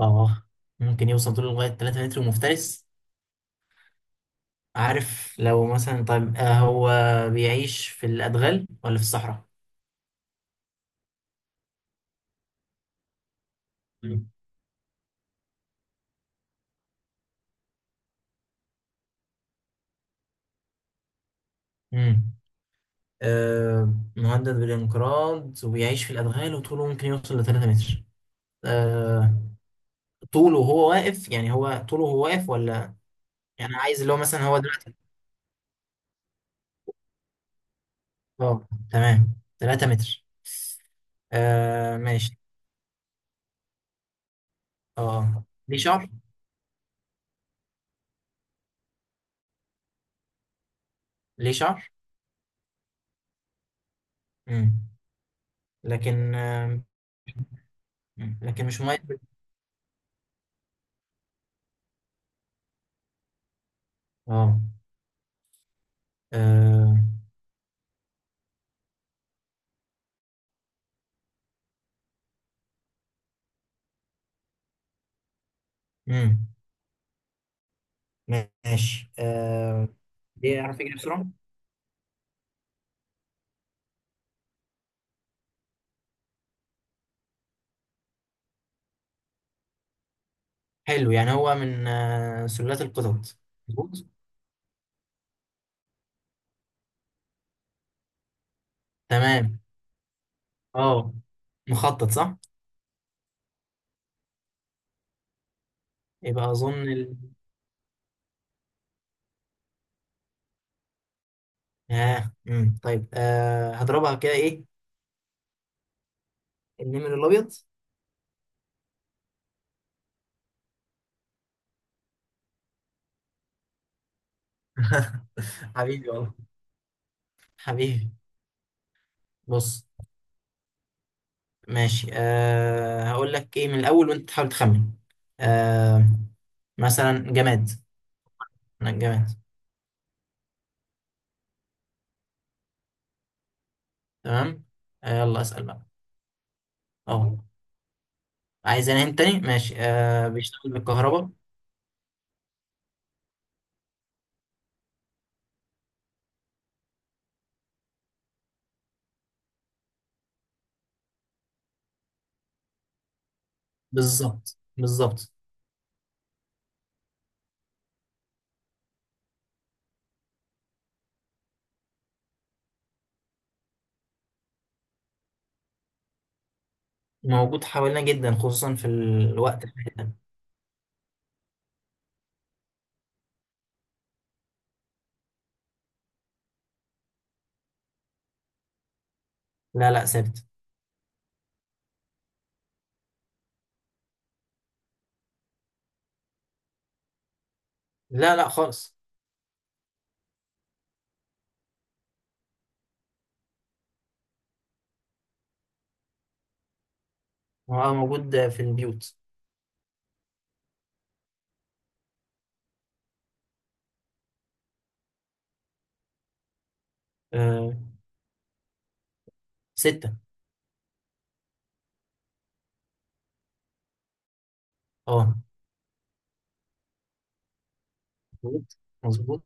اه، ممكن يوصل طوله لغاية 3 متر ومفترس. عارف؟ لو مثلا طيب، هو بيعيش في الأدغال ولا في الصحراء؟ مم. امم آه، مهدد بالانقراض وبيعيش في الأدغال وطوله ممكن يوصل ل 3 متر. آه، طوله وهو واقف؟ يعني هو طوله وهو واقف ولا؟ يعني عايز اللي هو مثلا هو دلوقتي. اه تمام، 3 متر. آه ماشي. اه، ليه شعر؟ ليه شعر؟ امم لكن آه، لكن مش مميز. اه. آه. امم ماشي، آه بيعرف يجري بسرعة؟ حلو. يعني هو من آه سلالات القطط؟ مظبوط. تمام. اه، مخطط صح؟ يبقى اظن ال، اه، طيب، آه هضربها كده. ايه، النمر الابيض. حبيبي والله. حبيبي. بص، ماشي، آه هقول لك ايه من الاول وانت تحاول تخمن. آه، مثلا جماد. أنا جماد. تمام. آه، يلا اسأل بقى. اه، عايز انام تاني، ماشي. آه بيشتغل بالكهرباء. بالظبط، بالظبط. موجود حوالينا جدا، خصوصا في الوقت الحالي ده. لا لا، ثابت. لا لا خالص. هو موجود في البيوت. آه، ستة. اه. مظبوط، مظبوط،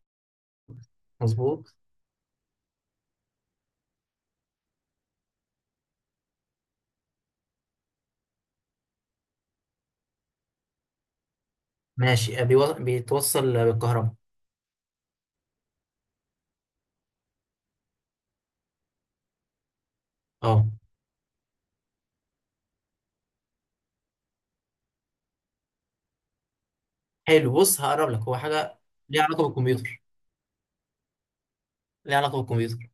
مظبوط. ماشي، آه، بيتوصل بالكهرباء. اه. حلو، بص، هقرب لك، هو حاجة ليها علاقة بالكمبيوتر. ليها علاقة بالكمبيوتر.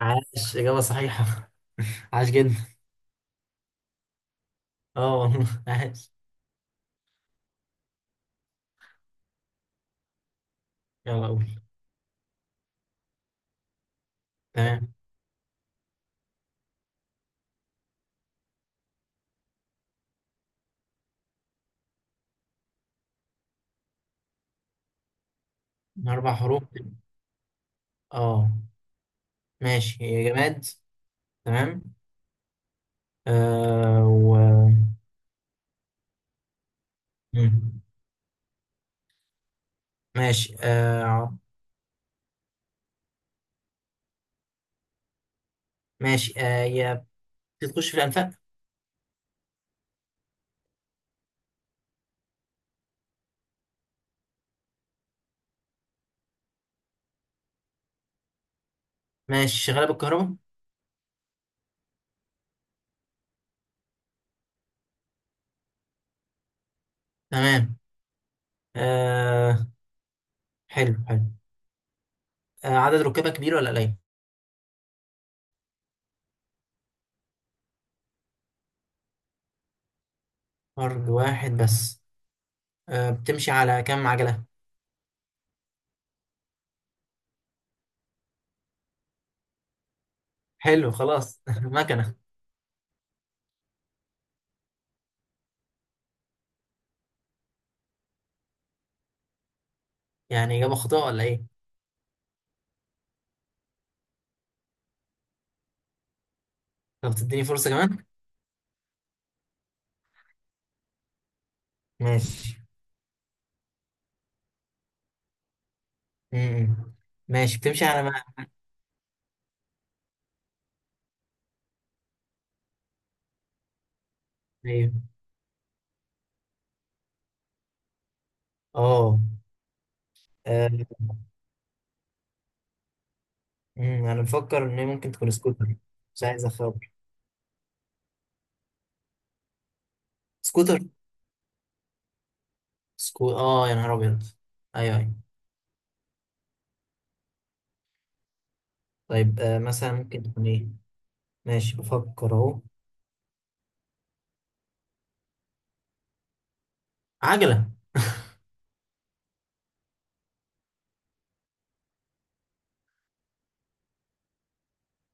عاش، إجابة صحيحة. عاش جدا. اه والله عاش. يلا قول. تمام، من أربع حروف. اه ماشي، هي جماد. تمام. آه، و، مم. ماشي آه. ماشي، آه هي بتخش في الأنفاق. ماشي، شغالة بالكهرباء. تمام. آه. حلو، حلو. آه، عدد ركابها كبير ولا قليل؟ فرد واحد بس. آه، بتمشي على كام عجلة؟ حلو خلاص مكنة. يعني إجابة خاطئة ولا إيه؟ طب تديني فرصة كمان؟ ماشي. مم. ماشي، بتمشي على ما، أيوه. أه. آه. مم، أنا بفكر إن هي ممكن تكون سكوتر. مش عايز أخاف. سكوتر. سكو، اه يا نهار ابيض. ايوه، ايوه. طيب، آه مثلا ممكن تكون ايه. ماشي بفكر اهو. عجلة.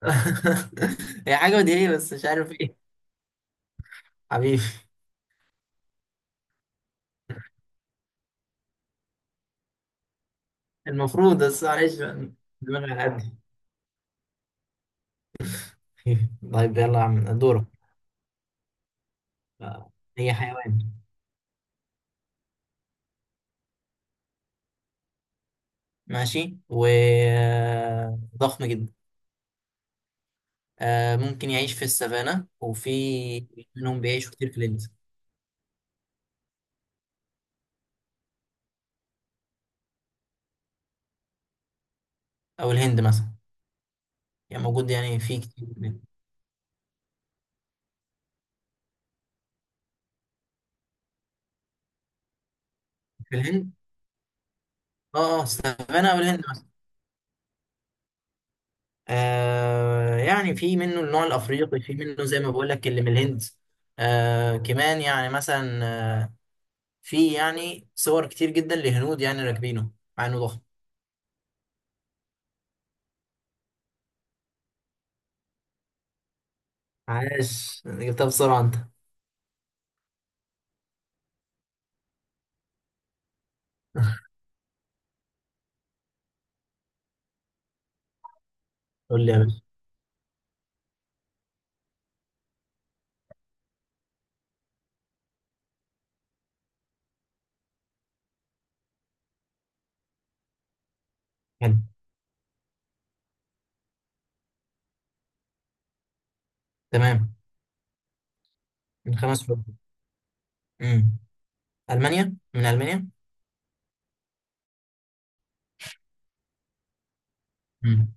هي حاجة بديهية بس مش عارف ايه. حبيبي. المفروض، بس معلش بقى، دماغي على قد. طيب يلا يا عم دورك. آه، هي حيوان. ماشي، وضخم جدا. آه، ممكن يعيش في السافانا، وفي منهم بيعيشوا كتير في الهند. او الهند مثلا. يعني موجود، يعني في كتير في الهند. اه، اه، السافانا او الهند. آه، يعني في منه النوع الافريقي، في منه زي ما بقول لك اللي من الهند. آه كمان، يعني مثلا آه، في يعني صور كتير جدا لهنود يعني راكبينه مع انه ضخم. عاش، جبتها بسرعه انت. قول لي يا باشا. حلو. تمام. من خمس حروف. امم المانيا، من المانيا. امم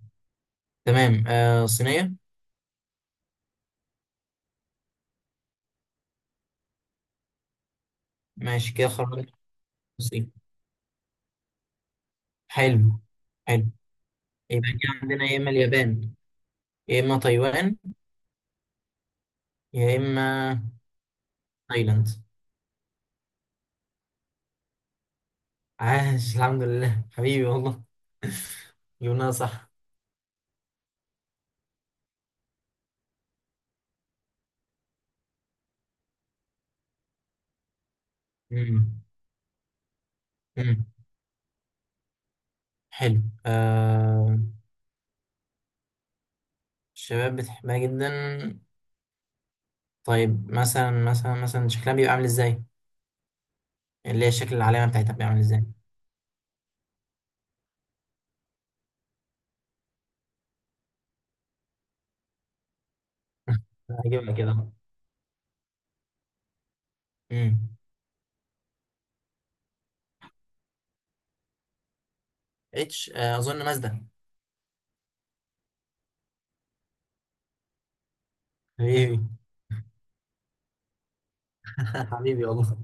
تمام. آه صينيه. ماشي كده خرجت، الصين. حلو، حلو. يبقى كده عندنا يا اما اليابان، يا اما تايوان، يا اما تايلاند. عاش، الحمد لله، حبيبي والله. جبناها صح. مم. مم. حلو. آه، الشباب بتحبها جدا. طيب مثلا، مثلا، مثلا شكلها بيبقى عامل ازاي؟ اللي هي الشكل، العلامة بتاعتها بيبقى عامل ازاي؟ هجيبها كده. امم اتش. آه، اظن مازدا. حبيبي. حبيبي والله.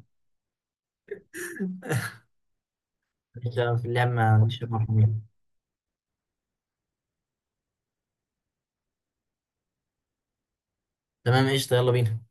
مش في اللعب، ما مش مرحبين. تمام، قشطة، يلا بينا.